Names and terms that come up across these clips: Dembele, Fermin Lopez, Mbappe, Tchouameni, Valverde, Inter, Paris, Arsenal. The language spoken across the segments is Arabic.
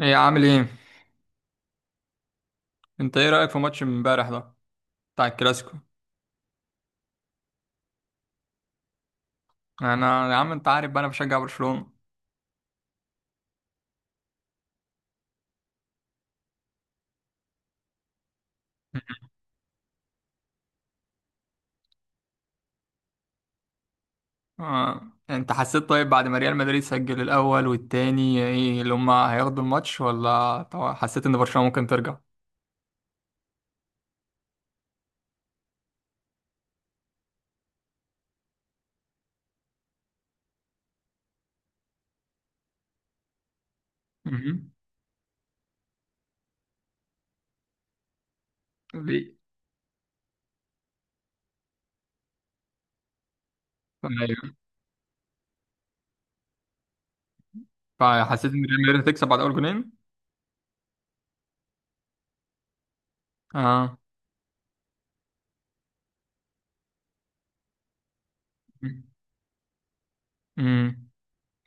ايه عامل ايه؟ انت ايه رايك في ماتش امبارح ده بتاع الكلاسيكو؟ انا يا عم انت عارف بقى، انا بشجع برشلونه. آه. انت حسيت طيب بعد ما ريال مدريد سجل الاول والتاني ايه اللي هم هياخدوا الماتش، ولا طبعا حسيت ان برشلونه ممكن ترجع؟ مهم. ليه؟ ايوه. فحسيت ان ريال مدريد هتكسب بعد اول جونين. اه. امم.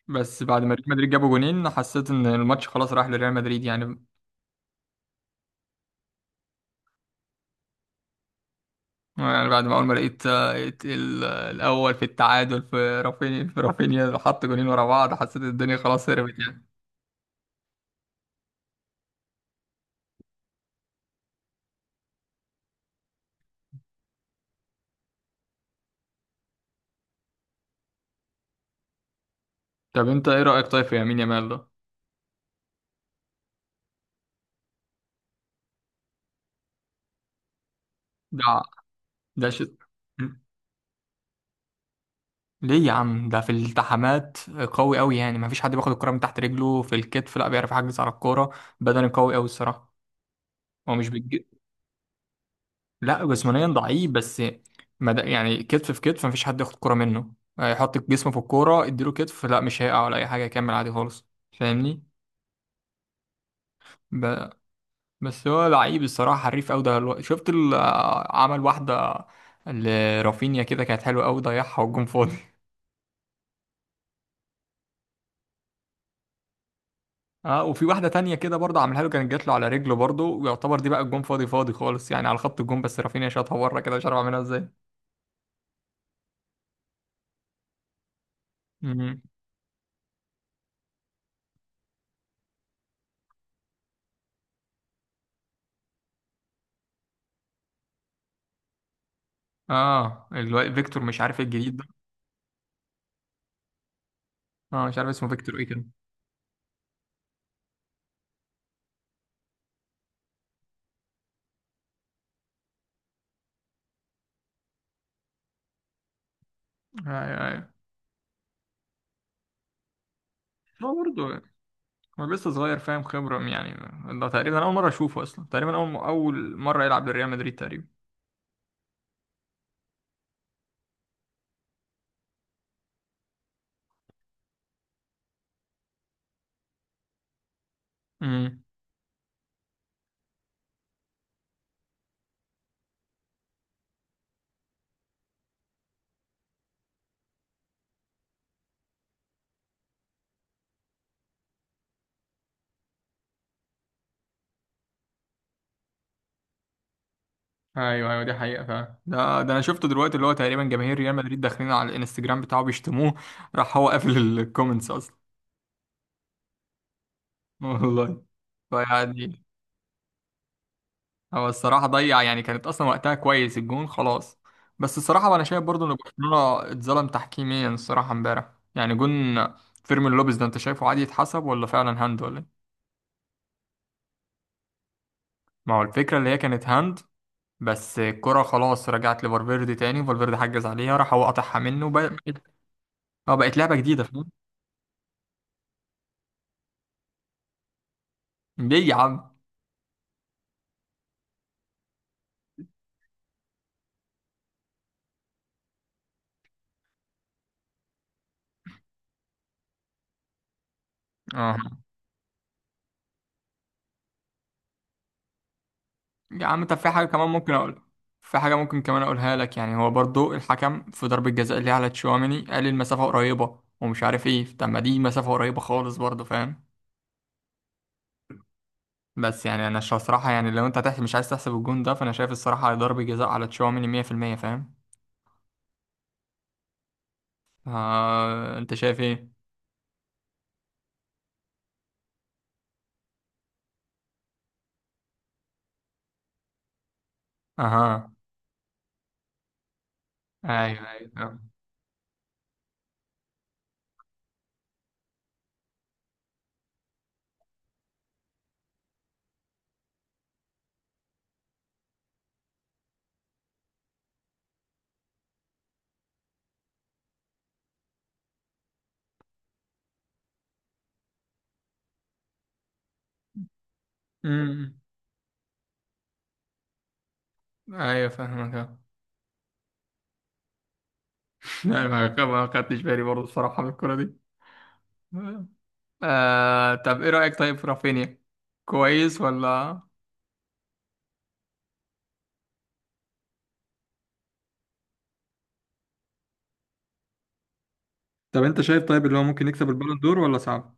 بس بعد ما ريال مدريد جابوا جونين حسيت ان الماتش خلاص راح لريال مدريد يعني. يعني بعد ما اول ما لقيت لقيت الاول في التعادل في رافينيا، حط جولين ورا بعض، حسيت الدنيا خلاص هربت يعني. طب انت ايه رايك طيب في يمين يامال ده؟ ده ده ش... ليه يا عم؟ ده في الالتحامات قوي قوي، يعني ما فيش حد بياخد الكره من تحت رجله، في الكتف لا، بيعرف يحجز على الكوره. بدني قوي قوي الصراحه. هو مش بيجي. لا جسمانيا ضعيف بس. يعني كتف في كتف ما فيش حد ياخد كره منه، يحط جسمه في الكوره، اديله كتف لا مش هيقع ولا اي حاجه، يكمل عادي خالص. فاهمني. ب... بس هو لعيب الصراحة، حريف أوي ده. شفت عمل واحدة لرافينيا كده كانت حلوة أوي، ضيعها والجون فاضي اه، وفي واحدة تانية كده برضه عملها له، كانت جات له على رجله برضه، ويعتبر دي بقى الجون فاضي فاضي خالص، يعني على خط الجون، بس رافينيا شاطها بره كده، مش عارف اعملها ازاي. مم. اه، فيكتور مش عارف، الجديد ده. اه مش عارف اسمه فيكتور ايه كده. ايوه، ايوه. هو برضه هو لسه صغير، فاهم، خبرة يعني. ده تقريبا أول مرة أشوفه أصلا، تقريبا أول مرة يلعب لريال مدريد تقريبا. مم. ايوه ايوه، دي حقيقة فعلا. ده انا شفته دلوقتي، اللي هو تقريبا جماهير ريال مدريد داخلين على الانستجرام بتاعه بيشتموه، راح هو قافل الكومنتس اصلا. والله. فيعني هو الصراحة ضيع، يعني كانت اصلا وقتها كويس، الجون خلاص. بس الصراحة انا شايف برضو ان برشلونة اتظلم تحكيميا الصراحة امبارح. يعني جون فيرمين لوبيز ده، انت شايفه عادي يتحسب، ولا فعلا هاند، ولا إيه؟ ما هو الفكرة اللي هي كانت هاند، بس الكرة خلاص رجعت لفالفيردي تاني، فالفيردي حجز عليها، راح هو قطعها منه، وبقت. اه، بقت لعبة جديدة فاهم. ليه يا عم؟ اه يا عم، طب في حاجة كمان ممكن أقولها. في حاجة ممكن كمان أقولها لك، يعني هو برضو الحكم في ضربة جزاء اللي على تشواميني، قال المسافة قريبة ومش عارف ايه. طب ما دي مسافة قريبة خالص برضو، فاهم؟ بس يعني أنا الصراحة، يعني لو أنت هتحسب مش عايز تحسب الجون ده، فأنا شايف الصراحة ضربة جزاء على تشواميني 100% فاهم. آه أنت شايف ايه؟ أها. أيوه أيوه فاهم. أمم. أيوه فاهمك أه. لا، ما خدتش بالي برضو الصراحة من الكورة دي. طب ايه رأيك طيب في رافينيا؟ كويس ولا؟ طب انت شايف طيب اللي هو ممكن يكسب البالون دور ولا صعب؟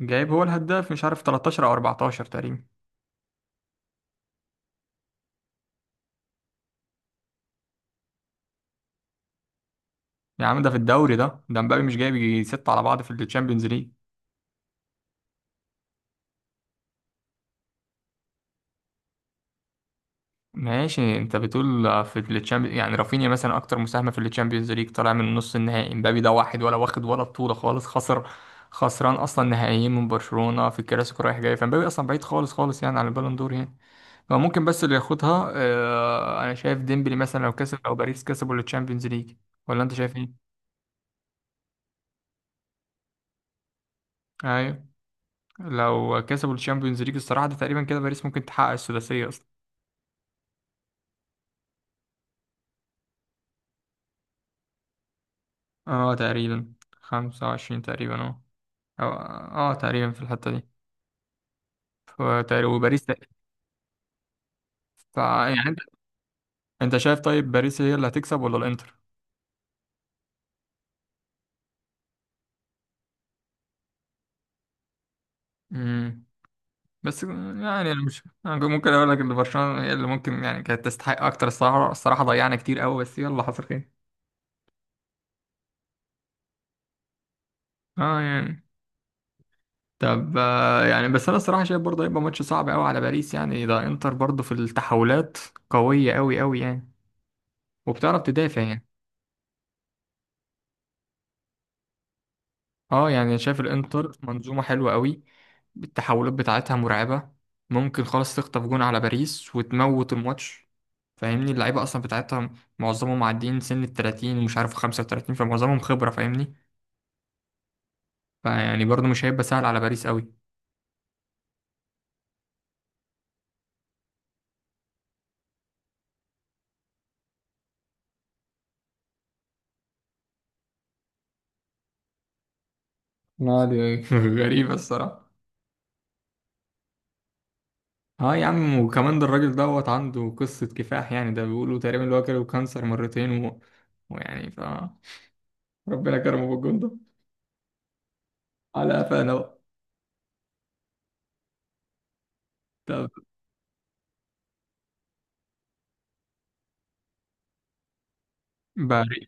جايب هو الهداف، مش عارف 13 او 14 تقريبا. يا عم، ده في الدوري، ده مبابي مش جايب يجي ستة على بعض في التشامبيونز ليج. ماشي، انت بتقول في التشامبيونز، يعني رافينيا مثلا اكتر مساهمة في التشامبيونز ليج، طالع من نص النهائي. مبابي ده واحد ولا واخد ولا بطولة خالص، خسر، خسران اصلا نهائيين من برشلونة في الكلاسيكو رايح جاي. فمبابي اصلا بعيد خالص خالص يعني عن البالون دور يعني. هو ممكن بس اللي ياخدها انا شايف ديمبلي مثلا، لو كسب او باريس كسبوا التشامبيونز ليج. ولا انت شايف ايه؟ ايوه. لو كسبوا التشامبيونز ليج الصراحه، ده تقريبا كده باريس ممكن تحقق السداسيه اصلا. اه تقريبا. 25 تقريبا اه. تقريبا في الحته دي. فتقريبا وباريس يعني انت، انت شايف طيب باريس هي اللي هتكسب ولا الانتر؟ امم. بس يعني أنا مش، أنا ممكن اقول لك ان برشلونه هي اللي ممكن، يعني كانت تستحق اكتر الصراحه. الصراحه ضيعنا كتير قوي، بس يلا حصل خير. اه يعني. طب يعني بس انا الصراحه شايف برضه هيبقى ماتش صعب قوي على باريس، يعني ده انتر برضه في التحولات قويه قوي قوي يعني، وبتعرف تدافع يعني. اه يعني شايف الانتر منظومه حلوه قوي، التحولات بتاعتها مرعبه، ممكن خالص تخطف جون على باريس وتموت الماتش. فاهمني اللعيبه اصلا بتاعتها معظمهم معديين سن ال 30 ومش عارف 35، فمعظمهم خبره فاهمني. فيعني برضه مش هيبقى سهل على باريس قوي يعني. غريبه الصراحه. اه يا عم، وكمان ده الراجل دوت عنده قصة كفاح يعني، ده بيقولوا تقريبا اللي هو جاله كانسر مرتين ويعني ربنا كرمه بالجون ده على قفانا بقى. طب باري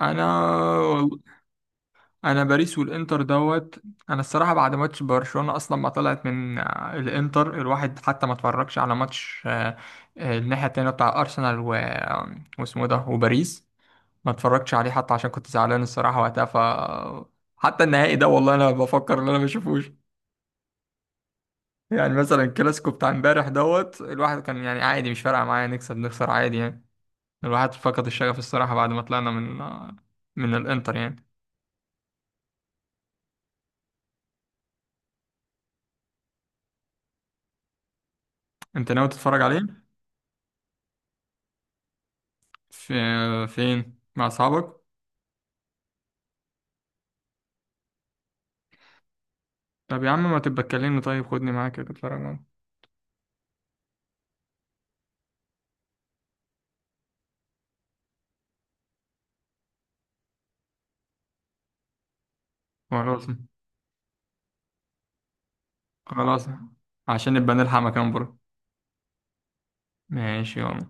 انا والله انا باريس والانتر دوت. انا الصراحة بعد ماتش برشلونة اصلا ما طلعت من الانتر، الواحد حتى ما اتفرجش على ماتش الناحية التانية بتاع ارسنال واسمه إيه ده، وباريس، ما اتفرجتش عليه حتى عشان كنت زعلان الصراحة وقتها. حتى النهائي ده والله انا بفكر ان انا ما اشوفوش. يعني مثلا الكلاسيكو بتاع امبارح دوت، الواحد كان يعني عادي، مش فارقة معايا نكسب نخسر عادي يعني. الواحد فقد الشغف الصراحة بعد ما طلعنا من من الانتر يعني. انت ناوي تتفرج عليه في، فين مع اصحابك؟ طب يا عم ما تبقى تكلمني طيب، خدني معاك كده اتفرج معاك. خلاص. خلاص. عشان نبقى نلحق مكان بره. ماشي يلا.